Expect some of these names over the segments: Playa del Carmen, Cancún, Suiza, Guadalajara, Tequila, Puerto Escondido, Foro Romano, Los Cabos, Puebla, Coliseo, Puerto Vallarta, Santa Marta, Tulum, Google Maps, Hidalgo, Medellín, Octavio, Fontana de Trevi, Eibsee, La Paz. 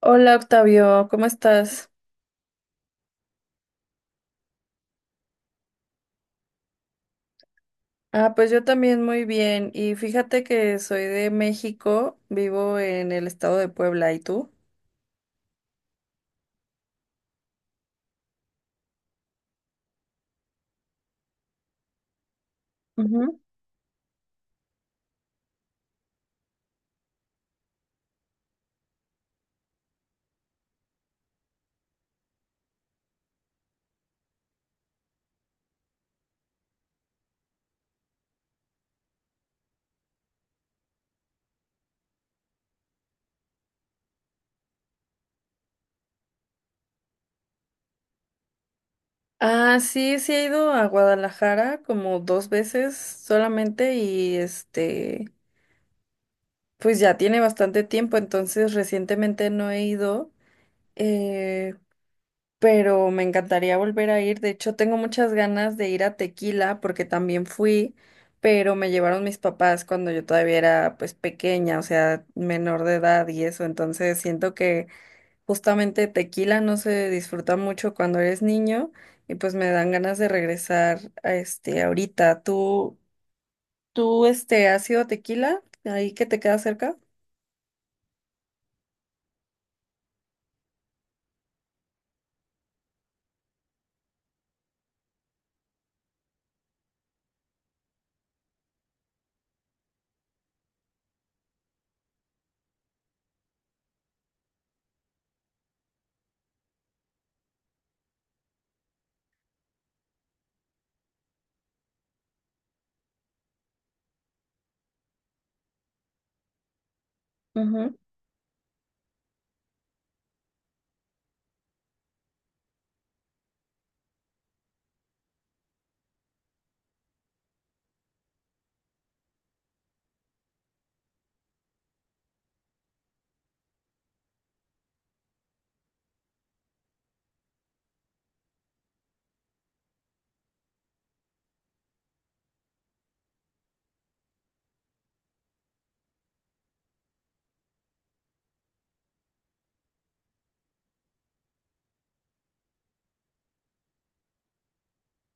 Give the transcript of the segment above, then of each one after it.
Hola Octavio, ¿cómo estás? Ah, pues yo también muy bien. Y fíjate que soy de México, vivo en el estado de Puebla, ¿y tú? Ujú. Ah, sí, sí he ido a Guadalajara como dos veces solamente y pues ya tiene bastante tiempo, entonces recientemente no he ido. Eh, pero me encantaría volver a ir. De hecho, tengo muchas ganas de ir a Tequila porque también fui, pero me llevaron mis papás cuando yo todavía era pues pequeña, o sea, menor de edad y eso. Entonces siento que justamente Tequila no se disfruta mucho cuando eres niño y pues me dan ganas de regresar a este ahorita. ¿¿Tú, ¿has ido a Tequila? Ahí que te queda cerca.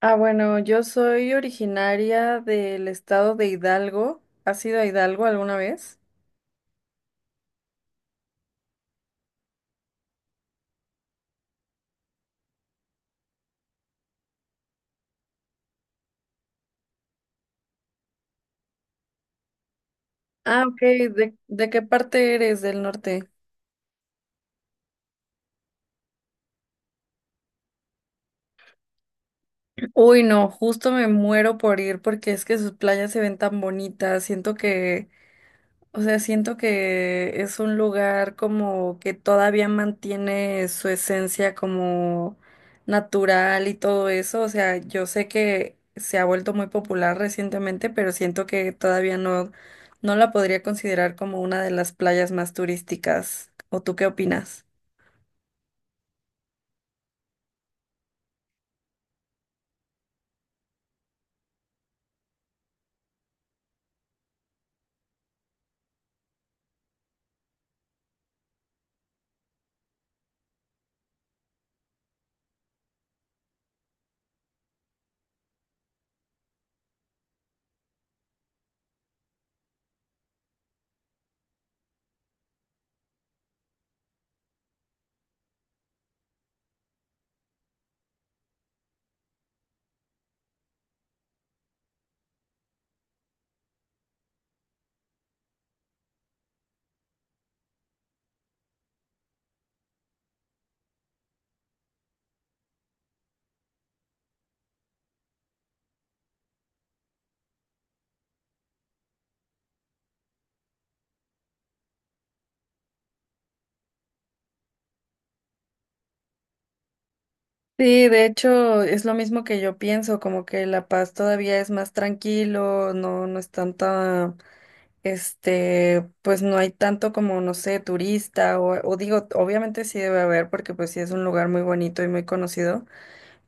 Ah, bueno, yo soy originaria del estado de Hidalgo. ¿Has ido a Hidalgo alguna vez? Ah, ok. ¿¿De qué parte eres del norte? Uy, no, justo me muero por ir porque es que sus playas se ven tan bonitas. Siento que, o sea, siento que es un lugar como que todavía mantiene su esencia como natural y todo eso. O sea, yo sé que se ha vuelto muy popular recientemente, pero siento que todavía no la podría considerar como una de las playas más turísticas. ¿O tú qué opinas? Sí, de hecho, es lo mismo que yo pienso, como que La Paz todavía es más tranquilo, no es tanta. Este, pues no hay tanto como, no sé, turista o digo, obviamente sí debe haber porque pues sí es un lugar muy bonito y muy conocido,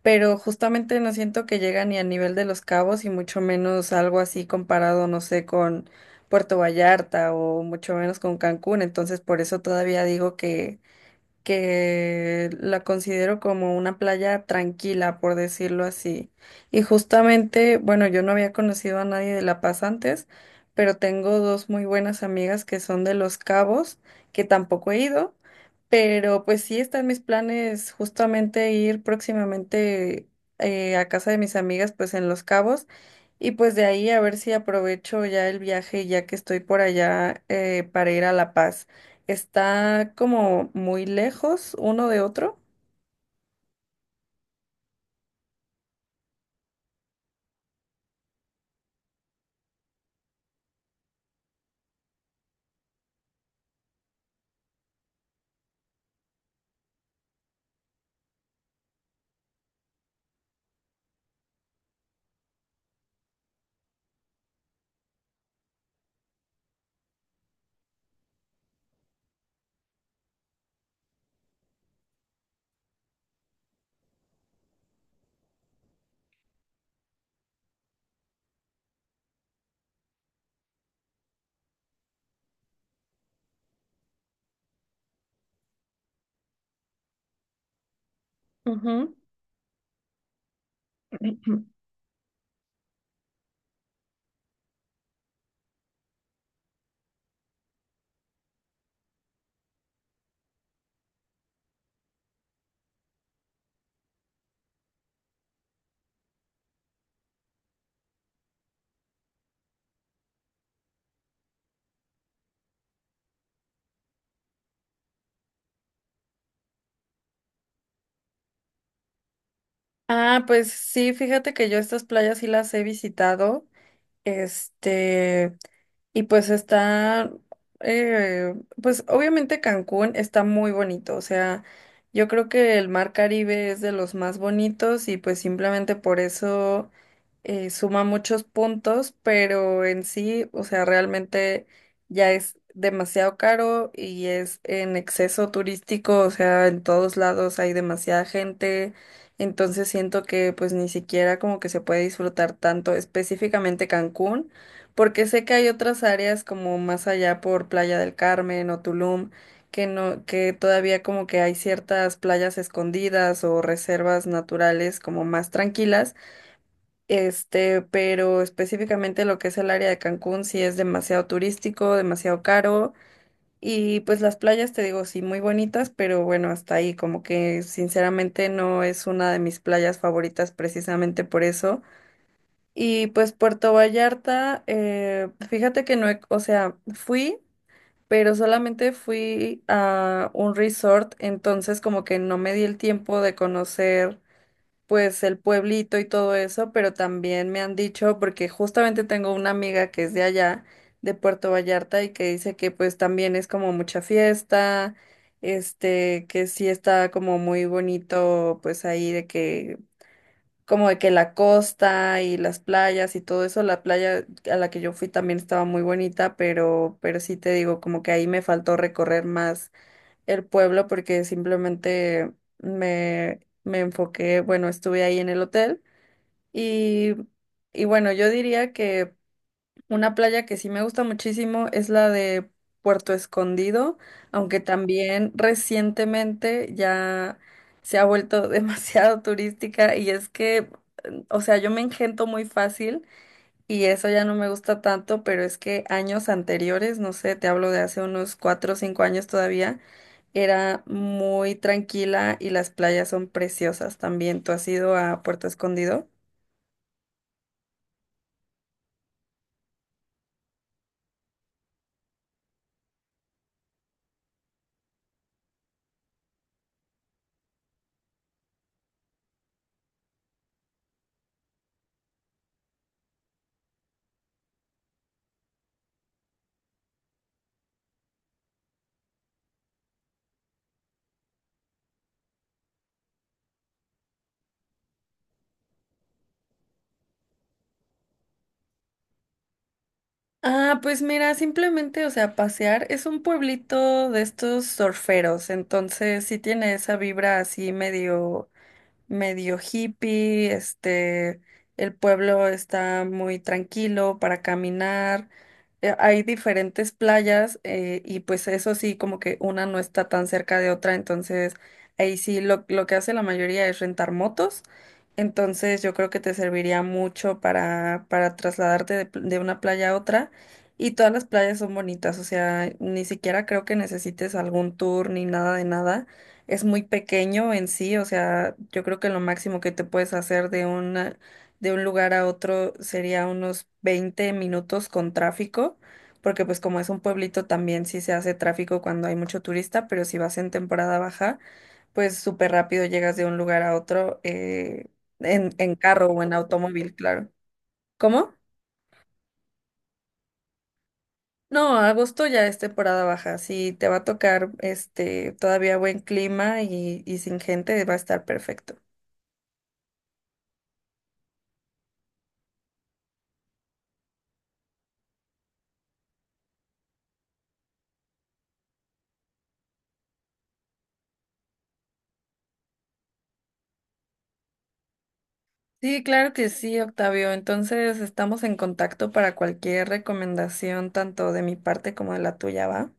pero justamente no siento que llega ni a nivel de Los Cabos y mucho menos algo así comparado, no sé, con Puerto Vallarta o mucho menos con Cancún, entonces por eso todavía digo que la considero como una playa tranquila, por decirlo así. Y justamente, bueno, yo no había conocido a nadie de La Paz antes, pero tengo dos muy buenas amigas que son de Los Cabos, que tampoco he ido, pero pues sí están mis planes justamente ir próximamente a casa de mis amigas, pues en Los Cabos. Y pues de ahí a ver si aprovecho ya el viaje, ya que estoy por allá, para ir a La Paz. Está como muy lejos uno de otro. Ujú. Ah, pues sí, fíjate que yo estas playas sí las he visitado. Este, y pues está, eh, pues obviamente Cancún está muy bonito, o sea, yo creo que el mar Caribe es de los más bonitos y pues simplemente por eso suma muchos puntos, pero en sí, o sea, realmente ya es demasiado caro y es en exceso turístico, o sea, en todos lados hay demasiada gente, entonces siento que pues ni siquiera como que se puede disfrutar tanto específicamente Cancún, porque sé que hay otras áreas como más allá por Playa del Carmen o Tulum, que no, que todavía como que hay ciertas playas escondidas o reservas naturales como más tranquilas. Este, pero específicamente lo que es el área de Cancún sí es demasiado turístico, demasiado caro, y pues las playas, te digo, sí, muy bonitas, pero bueno, hasta ahí, como que sinceramente no es una de mis playas favoritas precisamente por eso. Y pues Puerto Vallarta, fíjate que no, o sea, fui, pero solamente fui a un resort, entonces como que no me di el tiempo de conocer pues el pueblito y todo eso, pero también me han dicho, porque justamente tengo una amiga que es de allá, de Puerto Vallarta, y que dice que pues también es como mucha fiesta. Este, que sí está como muy bonito, pues ahí de que, como de que la costa y las playas y todo eso, la playa a la que yo fui también estaba muy bonita, pero sí te digo, como que ahí me faltó recorrer más el pueblo porque simplemente me enfoqué, bueno, estuve ahí en el hotel, y, y bueno, yo diría que una playa que sí me gusta muchísimo es la de Puerto Escondido, aunque también recientemente ya se ha vuelto demasiado turística y es que, o sea, yo me engento muy fácil. Y eso ya no me gusta tanto, pero es que años anteriores, no sé, te hablo de hace unos 4 o 5 años todavía, era muy tranquila y las playas son preciosas también. ¿Tú has ido a Puerto Escondido? Ah, pues mira, simplemente, o sea, pasear es un pueblito de estos surferos, entonces sí tiene esa vibra así medio, medio hippie. Este, el pueblo está muy tranquilo para caminar. Hay diferentes playas, y pues eso sí, como que una no está tan cerca de otra, entonces ahí sí lo que hace la mayoría es rentar motos, entonces yo creo que te serviría mucho para trasladarte de, de una playa a otra, y todas las playas son bonitas, o sea, ni siquiera creo que necesites algún tour ni nada de nada. Es muy pequeño en sí, o sea, yo creo que lo máximo que te puedes hacer de un, de un lugar a otro sería unos 20 minutos con tráfico, porque pues como es un pueblito también sí se hace tráfico cuando hay mucho turista, pero si vas en temporada baja, pues súper rápido llegas de un lugar a otro. En carro o en automóvil, claro. ¿Cómo? No, agosto ya es temporada baja, sí te va a tocar este todavía buen clima y sin gente, va a estar perfecto. Sí, claro que sí, Octavio. Entonces estamos en contacto para cualquier recomendación, tanto de mi parte como de la tuya, ¿va?